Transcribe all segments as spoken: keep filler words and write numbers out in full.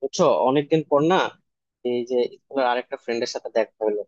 বুঝছো অনেকদিন পর না? এই যে স্কুলের আরেকটা ফ্রেন্ডের সাথে দেখা হলো।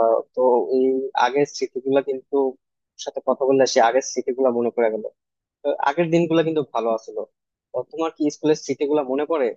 আহ, তো এই আগের স্মৃতিগুলো কিন্তু ওর সাথে কথা বললে সে আগের স্মৃতিগুলো মনে পড়ে গেল। তো আগের দিনগুলো কিন্তু ভালো আছিল। তো তোমার কি স্কুলের স্মৃতিগুলো মনে পড়ে?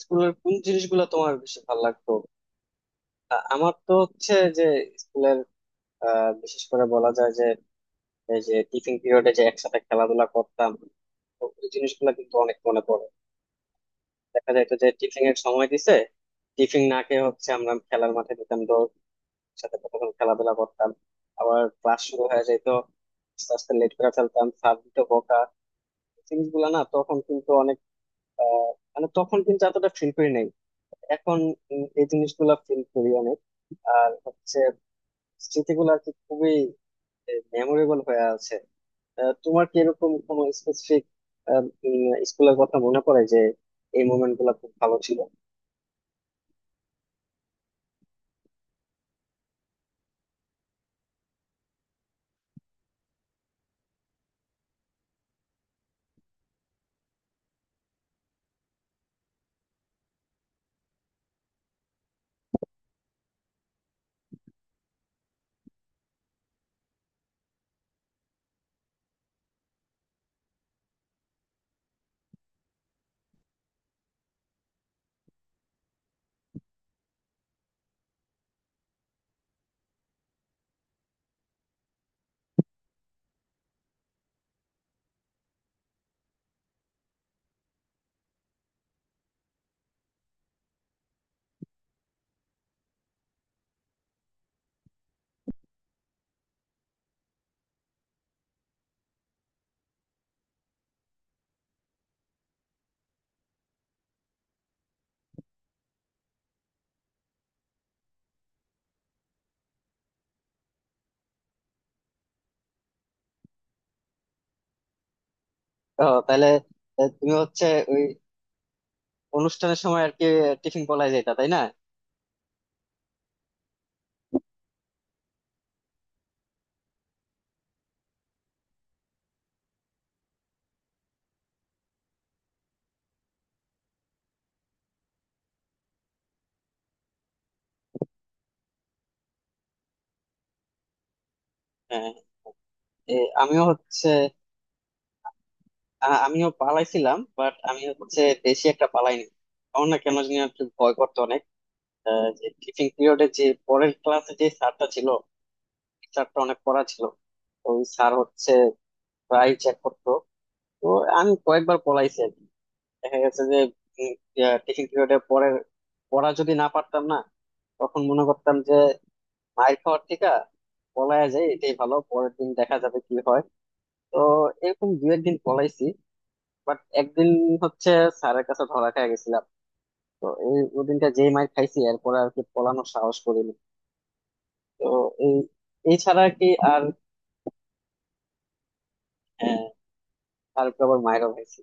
স্কুলের কোন জিনিসগুলো তোমার বেশি ভালো লাগতো? আ- আমার তো হচ্ছে যে স্কুলের আহ বিশেষ করে বলা যায় যে এই যে টিফিন পিরিয়ডে যে একসাথে খেলাধুলা করতাম, তো ওই জিনিসগুলো কিন্তু অনেক মনে পড়ে। দেখা যাইতো যে টিফিন এর সময় দিছে, টিফিন না খেয়ে হচ্ছে আমরা খেলার মাঠে যেতাম দৌড়ের সাথে, কতক্ষণ খেলাধুলা করতাম, আবার ক্লাস শুরু হয়ে যেত। আস্তে আস্তে লেট করে ফেলতাম, স্যার দিত বকা। জিনিসগুলো না তখন কিন্তু অনেক, আহ, মানে তখন কিন্তু এতটা ফিল করি নাই, এখন উম, এই জিনিসগুলো ফিল করি অনেক। আর হচ্ছে স্মৃতিগুলো আর কি খুবই মেমোরেবল হয়ে আছে। আহ, তোমার কি এরকম কোনো স্পেসিফিক স্কুলের কথা মনে পড়ে যে এই মোমেন্ট গুলো খুব ভালো ছিল? ও তাহলে, আহ, তুমি হচ্ছে ওই অনুষ্ঠানের সময় আর কি টিফিন পালাই যেতা, তাই না? হ্যাঁ। এ, আমিও হচ্ছে, আ- আমিও পালাইছিলাম, বাট আমি হচ্ছে বেশি একটা পালাইনি। আমার না কেন জানি একটু ভয় করতো অনেক। আহ, যে টিফিন পিরিয়ডে যে পরের ক্লাসে যে স্যারটা ছিল, স্যারটা অনেক পড়া ছিল। তো ওই স্যার হচ্ছে প্রায় চেক করতো। তো আমি কয়েকবার পলাইছি আর কি। দেখা গেছে যে টিফিন পিরিয়ডের পরের পড়া যদি না পারতাম না, তখন মনে করতাম যে মায়ের খাওয়ার থেকে পলায় যায় এটাই ভালো, পরের দিন দেখা যাবে কি হয়। তো এরকম দু একদিন পলাইছি, বাট একদিন হচ্ছে স্যারের কাছে ধরা খেয়ে গেছিলাম। তো এই ওদিনটা যেই মায়ের খাইছি এরপর আর কি পলানোর সাহস করিনি। তো এই এই ছাড়া আর কি। আর হ্যাঁ, তারপর আবার মায়েরও খাইছি।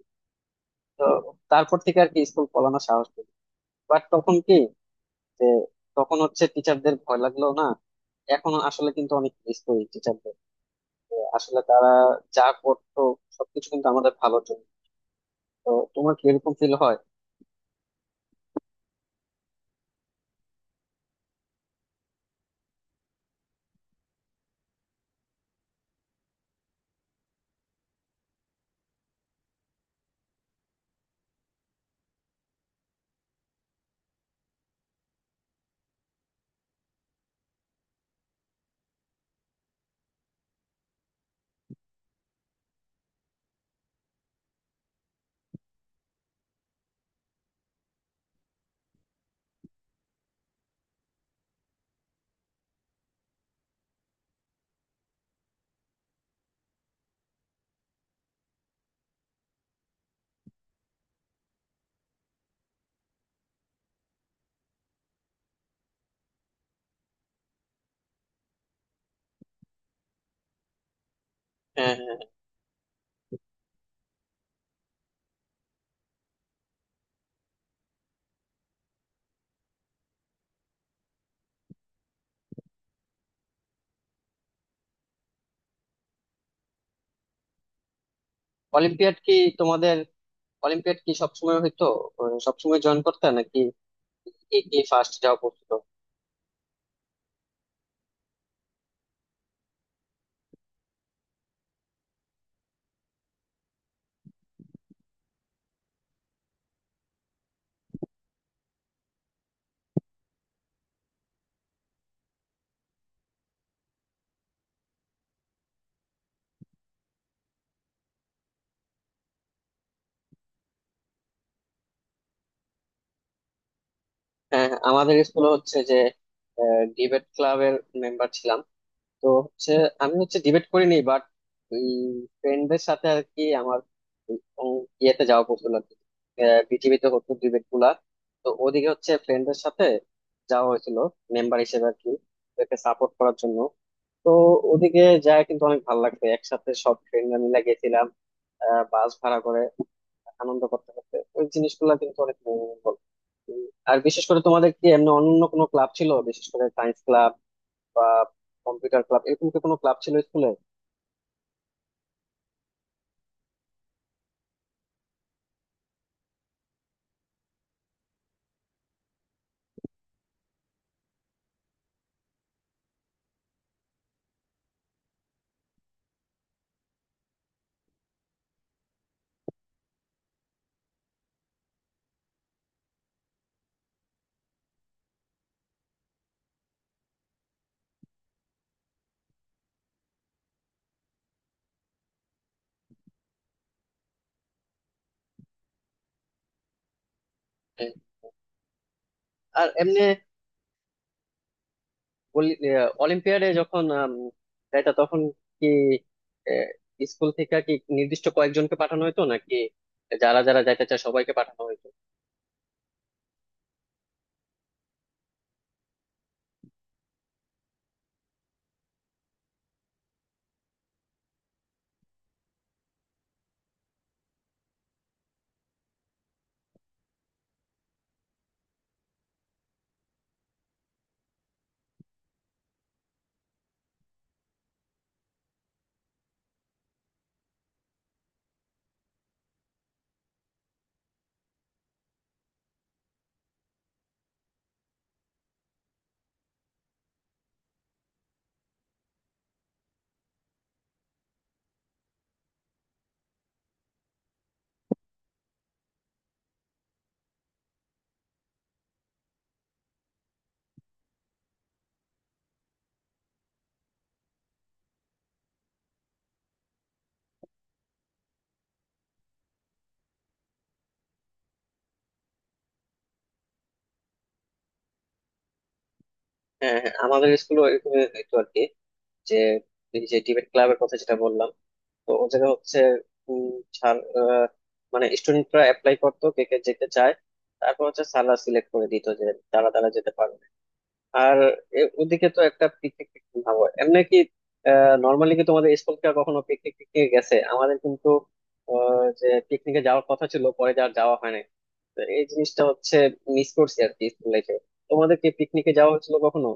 তো তারপর থেকে আর কি স্কুল পলানোর সাহস করি। বাট তখন কি, যে তখন হচ্ছে টিচারদের ভয় লাগলো না, এখন আসলে কিন্তু অনেক মিস করি টিচারদের। আসলে তারা যা করতো সবকিছু কিন্তু আমাদের ভালো। তো তোমার কি এরকম ফিল হয়? হ্যাঁ হ্যাঁ। অলিম্পিয়াড কি তোমাদের, অলিম্পিয়াড কি সবসময় হইতো? আহ, সবসময় জয়েন করতে নাকি? কি কি ফার্স্ট যাওয়া পড়তো? হ্যাঁ হ্যাঁ, আমাদের স্কুলে হচ্ছে যে ডিবেট ক্লাবের মেম্বার ছিলাম। তো হচ্ছে আমি হচ্ছে ডিবেট করিনি, বাট ওই ফ্রেন্ডদের সাথে আর কি আমার ওই অং- ইয়েতে যাওয়া পড়ছিল আর কি। আহ, পৃথিবীতে হতো ডিবেট গুলা। তো ওদিকে হচ্ছে ফ্রেন্ডদের সাথে যাওয়া হয়েছিল মেম্বার হিসেবে আর কি, ওদেরকে সাপোর্ট করার জন্য। তো ওদিকে যায় কিন্তু অনেক ভালো লাগবে, একসাথে সব ফ্রেন্ডরা মিলে গেছিলাম। আহ, বাস ভাড়া করে আনন্দ করতে করতে ওই জিনিসগুলো কিন্তু অনেক memorable। উম, আর বিশেষ করে তোমাদের কি এমনি অন্য কোনো ক্লাব ছিল, বিশেষ করে সায়েন্স ক্লাব বা কম্পিউটার ক্লাব, এরকম কি কোনো ক্লাব ছিল স্কুলে? হ্যাঁ। আর এমনি অলি- আহ, অলিম্পিয়াডে যখন আম, যাইতা তখন কি, আহ, স্কুল থেকে কি নির্দিষ্ট কয়েকজনকে পাঠানো হইতো নাকি যারা যারা যাইতে চায় সবাইকে পাঠানো হইতো? হ্যাঁ হ্যাঁ, আমাদের স্কুলে এরকম হইতো আর কি, যে এই যে ডিবেট ক্লাবের কথা যেটা বললাম, তো ও জায়গায় হচ্ছে উম, ছাড়- আহ, মানে স্টুডেন্টরা অ্যাপ্লাই করতো কে কে যেতে চায়, তারপর হচ্ছে সালা সিলেক্ট করে দিত যে তারা তারা যেতে পারবে। আর এ- ওদিকে তো একটা পিকনিক টিকনিক ভাবো এমনি কি, নর্মালি কি তোমাদের স্কুল থেকে কখনো পিকনিক টিকনিকে গেছে? আমাদের কিন্তু আহ, যে পিকনিকে যাওয়ার কথা ছিল পরে আর যাওয়া হয় না। তো এই জিনিসটা হচ্ছে মিস করছি আর কি স্কুল লাইফে। তোমাদের কি পিকনিকে যাওয়া হয়েছিল কখনো?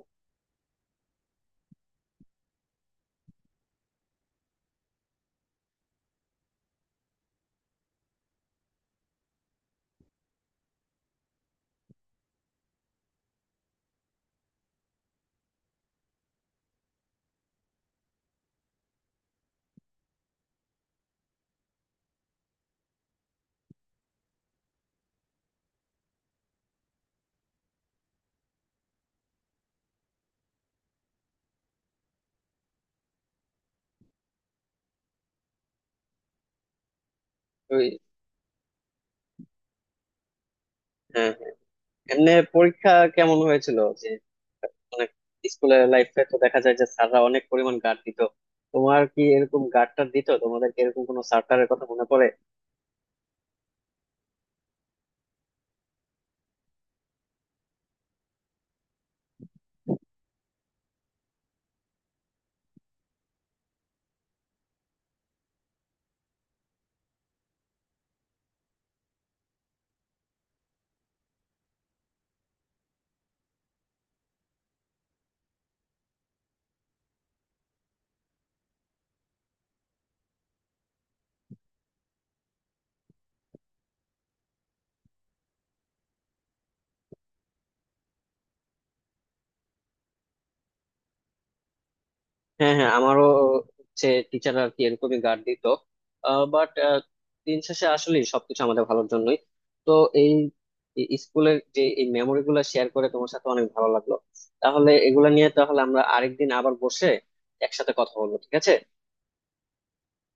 ওই হ্যাঁ হ্যাঁ। এমনি পরীক্ষা কেমন হয়েছিল যে, অনেক স্কুলের লাইফে তো দেখা যায় যে স্যাররা অনেক পরিমাণ গার্ড দিত, তোমার কি এরকম গার্ডটা দিত তোমাদেরকে, এরকম কোনো স্যার কথা মনে পড়ে? হ্যাঁ হ্যাঁ, আমারও হচ্ছে টিচাররা আর কি এরকমই গার্ড দিত। বাট দিন শেষে আসলে সবকিছু আমাদের ভালোর জন্যই। তো এই এই স্কুলের যে এই মেমোরি গুলো শেয়ার করে তোমার সাথে অনেক ভালো লাগলো। তাহলে এগুলা নিয়ে তাহলে আমরা আরেকদিন আবার বসে একসাথে কথা বলবো, ঠিক আছে?